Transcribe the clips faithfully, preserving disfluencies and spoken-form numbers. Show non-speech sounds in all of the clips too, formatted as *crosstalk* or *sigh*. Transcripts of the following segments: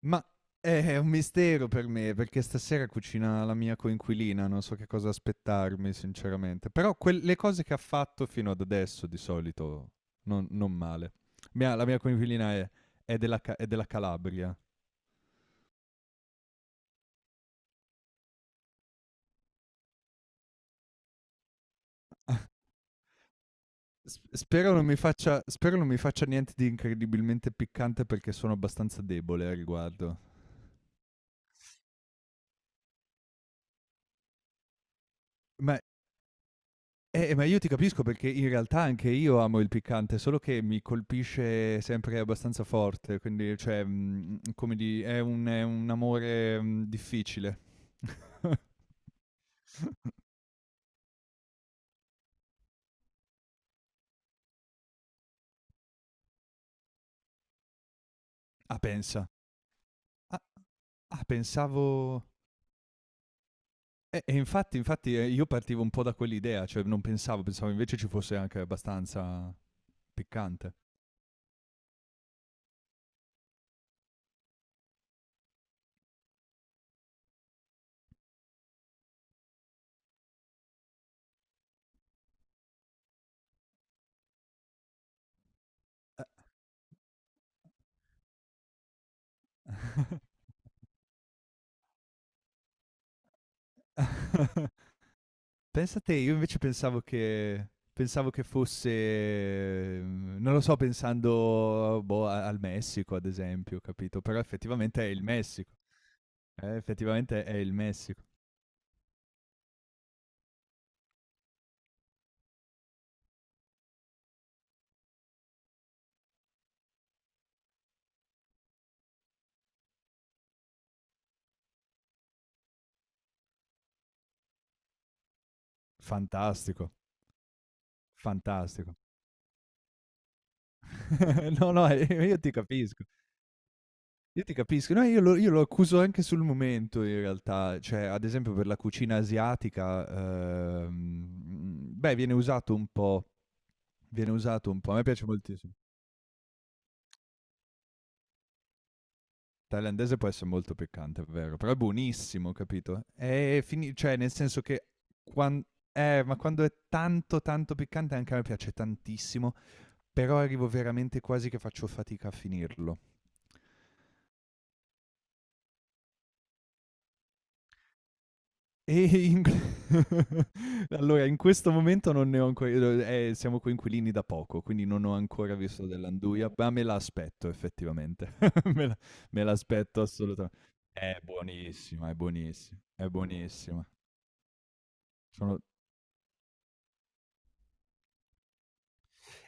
Ma eh, è un mistero per me, perché stasera cucina la mia coinquilina, non so che cosa aspettarmi sinceramente, però quel le cose che ha fatto fino ad adesso di solito non non male. Mia la mia coinquilina è è della Ca è della Calabria. *laughs* S spero non mi faccia spero non mi faccia niente di incredibilmente piccante perché sono abbastanza debole a riguardo. Ma Eh, eh, ma io ti capisco perché in realtà anche io amo il piccante, solo che mi colpisce sempre abbastanza forte, quindi cioè, mhmm, come di è un è un amore, mhmm, difficile. *laughs* Ah, pensa. Ah, ah, pensavo eh, e infatti infatti, ehm, io partivo un po' da quell'idea, cioè non pensavo pensavo invece ci fosse anche abbastanza piccante. Eh. *laughs* Pensa te, io invece pensavo che pensavo che fosse, ehm, non lo so, pensando, boh, a- al Messico, ad esempio, capito? Però effettivamente è il Messico. Eh, effettivamente è il Messico. Fantastico, fantastico. *laughs* No, no, eh, io ti capisco. Io ti capisco. No, io lo, io lo accuso anche sul momento, in realtà. Cioè, ad esempio, per la cucina asiatica, ehm, beh, viene usato un po'. Viene usato un po'. A me piace moltissimo. Thailandese può essere molto piccante, è vero, però è buonissimo, capito? È fini- cioè, nel senso che quan- eh, ma quando è tanto, tanto piccante, anche a me piace tantissimo, però arrivo veramente quasi che faccio fatica a finirlo. E in- *laughs* allora, in questo momento non ne ho ancora... eh, siamo coinquilini da poco, quindi non ho ancora visto dell'anduia, ma me la aspetto effettivamente. *laughs* Me la- me l'aspetto assolutamente. È buonissima, è buonissima, è buonissima. Sono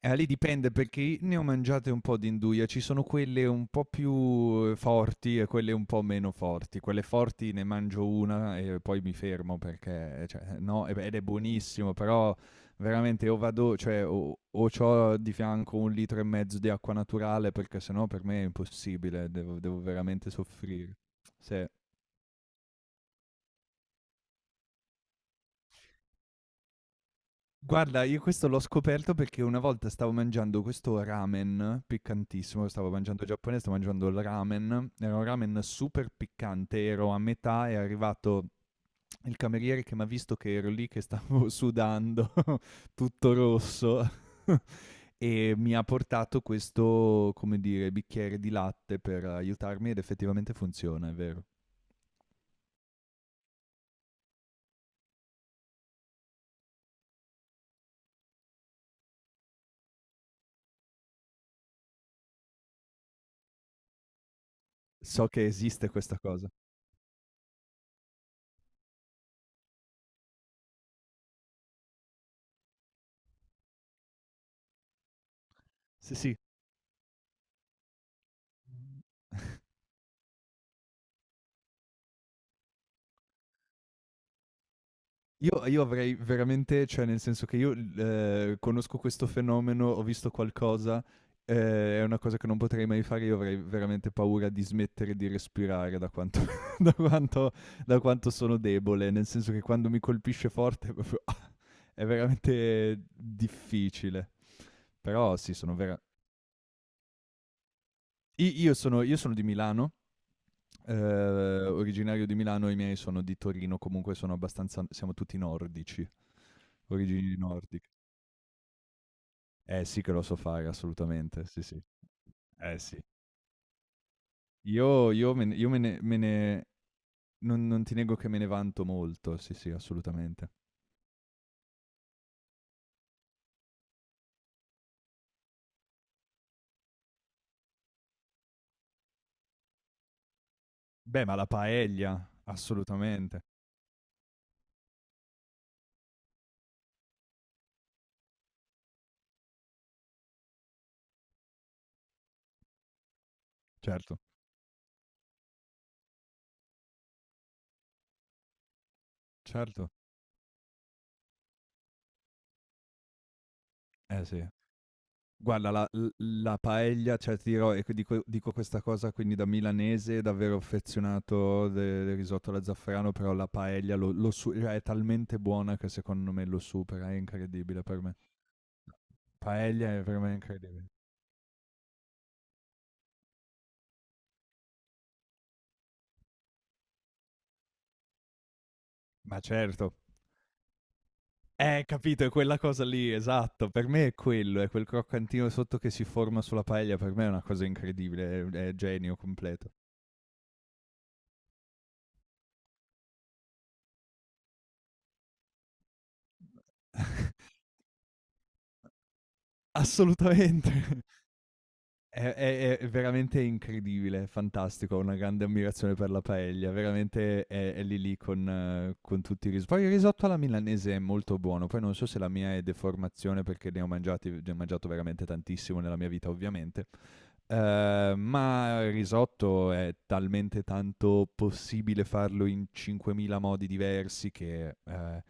Eh, lì dipende perché ne ho mangiate un po' di induia, ci sono quelle un po' più eh, forti e quelle un po' meno forti. Quelle forti ne mangio una e poi mi fermo perché, eh, cioè, no, e beh, ed è buonissimo, però veramente o vado, cioè, o, o c'ho di fianco un litro e mezzo di acqua naturale perché sennò per me è impossibile, devo, devo veramente soffrire. Sì. Guarda, io questo l'ho scoperto perché una volta stavo mangiando questo ramen piccantissimo, stavo mangiando giapponese, stavo mangiando il ramen, era un ramen super piccante, ero a metà, e è arrivato il cameriere che mi ha visto che ero lì che stavo *laughs* sudando, *laughs* tutto rosso, *laughs* e mi ha portato questo, come dire, bicchiere di latte per aiutarmi ed effettivamente funziona, è vero. So che esiste questa cosa. Sì, sì. Io io avrei veramente, cioè nel senso che io l ehm, conosco questo fenomeno, ho visto qualcosa, ehm, è una cosa che non potrei mai fare, io avrei veramente paura di smettere di respirare da quanto *laughs* da quanto da quanto sono debole, nel senso che quando mi colpisce forte *laughs* proprio ah, è veramente difficile. Però sì, sono vera i io sono io sono di Milano, ehm, originario di Milano, i miei sono di Torino, comunque sono abbastanza siamo tutti nordici, origini nordiche. Eh sì che lo so fare assolutamente, sì, sì. Eh sì. Io io me ne io me ne me ne non non ti nego che me ne vanto molto, sì, sì, assolutamente. Beh, ma la paella, assolutamente. Certo, certo. Eh sì. Guarda, la l la paella, cioè ti dirò, e qui dico dico questa cosa, quindi da milanese davvero affezionato de del risotto alla zafferano, però la paella lo lo su cioè è talmente buona che secondo me lo supera, è incredibile per me. Paella è per me incredibile. Ma certo. Eh, capito, è quella cosa lì, esatto. Per me è quello, è quel croccantino sotto che si forma sulla paella. Per me è una cosa incredibile, è, è genio completo. *laughs* Assolutamente. *laughs* È, è- è veramente incredibile, fantastico. Ho una grande ammirazione per la paella. Veramente è, è lì lì con, eh, con tutti i risotti. Poi il risotto alla milanese è molto buono. Poi non so se la mia è deformazione perché ne ho mangiati, ne ho mangiato veramente tantissimo nella mia vita, ovviamente. Ehm, ma il risotto è talmente tanto possibile farlo in cinquemila modi diversi che, ehm,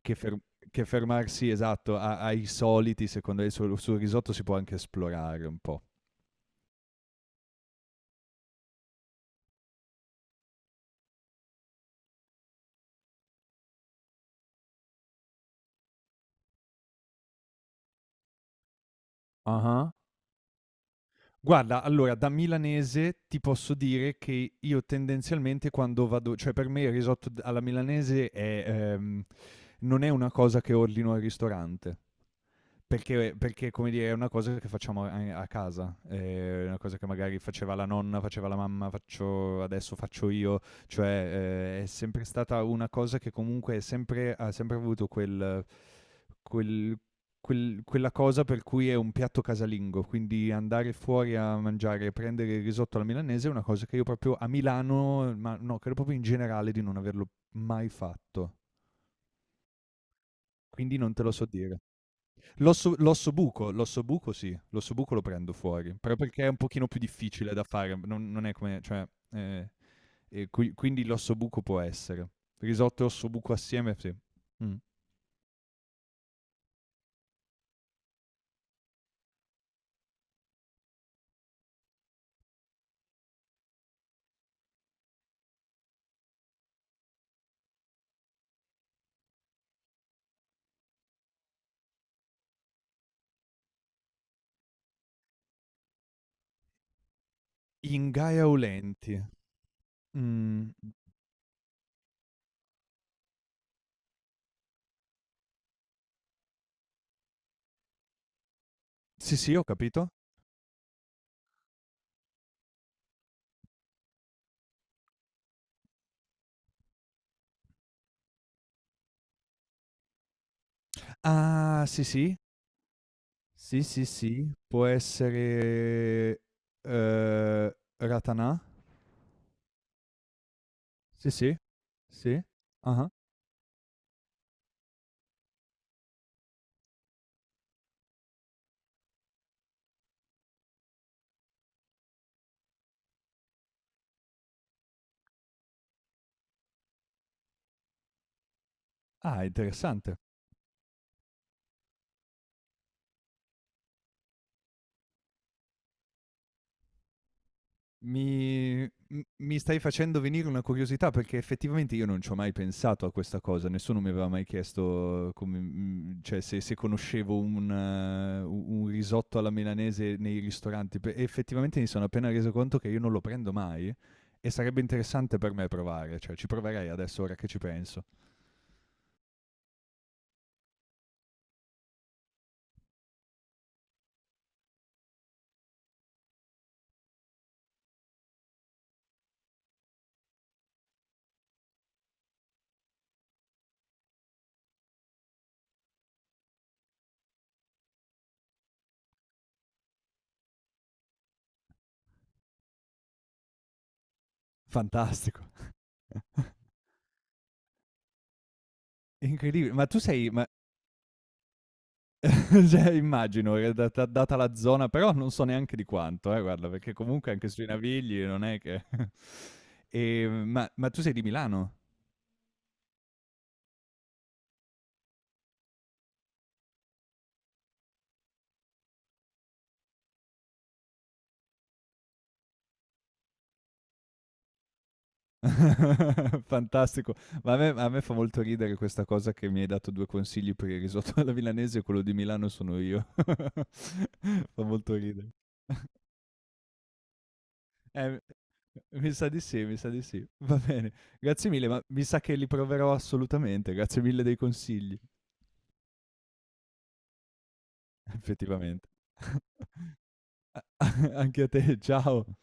che fer che fermarsi, esatto, a ai soliti, secondo me sul sul risotto si può anche esplorare un po'. Ah-ah. Guarda, allora da milanese ti posso dire che io tendenzialmente quando vado, cioè per me il risotto d alla milanese è, ehm, non è una cosa che ordino al ristorante. Perché, perché, come dire, è una cosa che facciamo a a casa, è una cosa che magari faceva la nonna, faceva la mamma, faccio adesso, faccio io, cioè eh, è sempre stata una cosa che comunque, è sempre, ha sempre avuto quel, quel- quel- quella cosa per cui è un piatto casalingo, quindi andare fuori a mangiare, prendere il risotto alla milanese è una cosa che io proprio a Milano, ma no, credo proprio in generale di non averlo mai fatto, quindi non te lo so dire. L'osso l'ossobuco, l'ossobuco sì, l'ossobuco lo prendo fuori, però perché è un pochino più difficile da fare, non non è come, cioè, ehm, e qui quindi l'ossobuco può essere. Risotto e ossobuco assieme, sì. Mh. Ingaeolenti. Mhmm, sì, sì, ho capito. Ah, sì, sì. Sì, sì, sì, può essere, ehm, ratanà? Sì, sì, sì. Ah-ah. Ah, Ah, interessante. Mi m mi stai facendo venire una curiosità, perché effettivamente io non c'ho mai pensato a questa cosa, nessuno mi aveva mai chiesto come, mhmm, cioè se se conoscevo un eh, u un risotto alla milanese nei ristoranti, pe e effettivamente mi sono appena reso conto che io non lo prendo mai e sarebbe interessante per me provare, cioè ci proverei adesso ora che ci penso. Fantastico, *laughs* incredibile. Ma tu sei ma *laughs* Cioè immagino, ehm, data data la zona, però non so neanche di quanto, eh, guarda, perché comunque anche sui Navigli non è che... E, ma, ma tu sei di Milano? *laughs* Fantastico, ma a me, a me fa molto ridere questa cosa che mi hai dato due consigli per il risotto alla milanese e quello di Milano sono io. *laughs* Fa molto ridere. Eh, mi sa di sì, mi sa di sì. Va bene, grazie mille, ma mi sa che li proverò assolutamente. Grazie mille dei consigli, effettivamente. *laughs* Anche a te, ciao.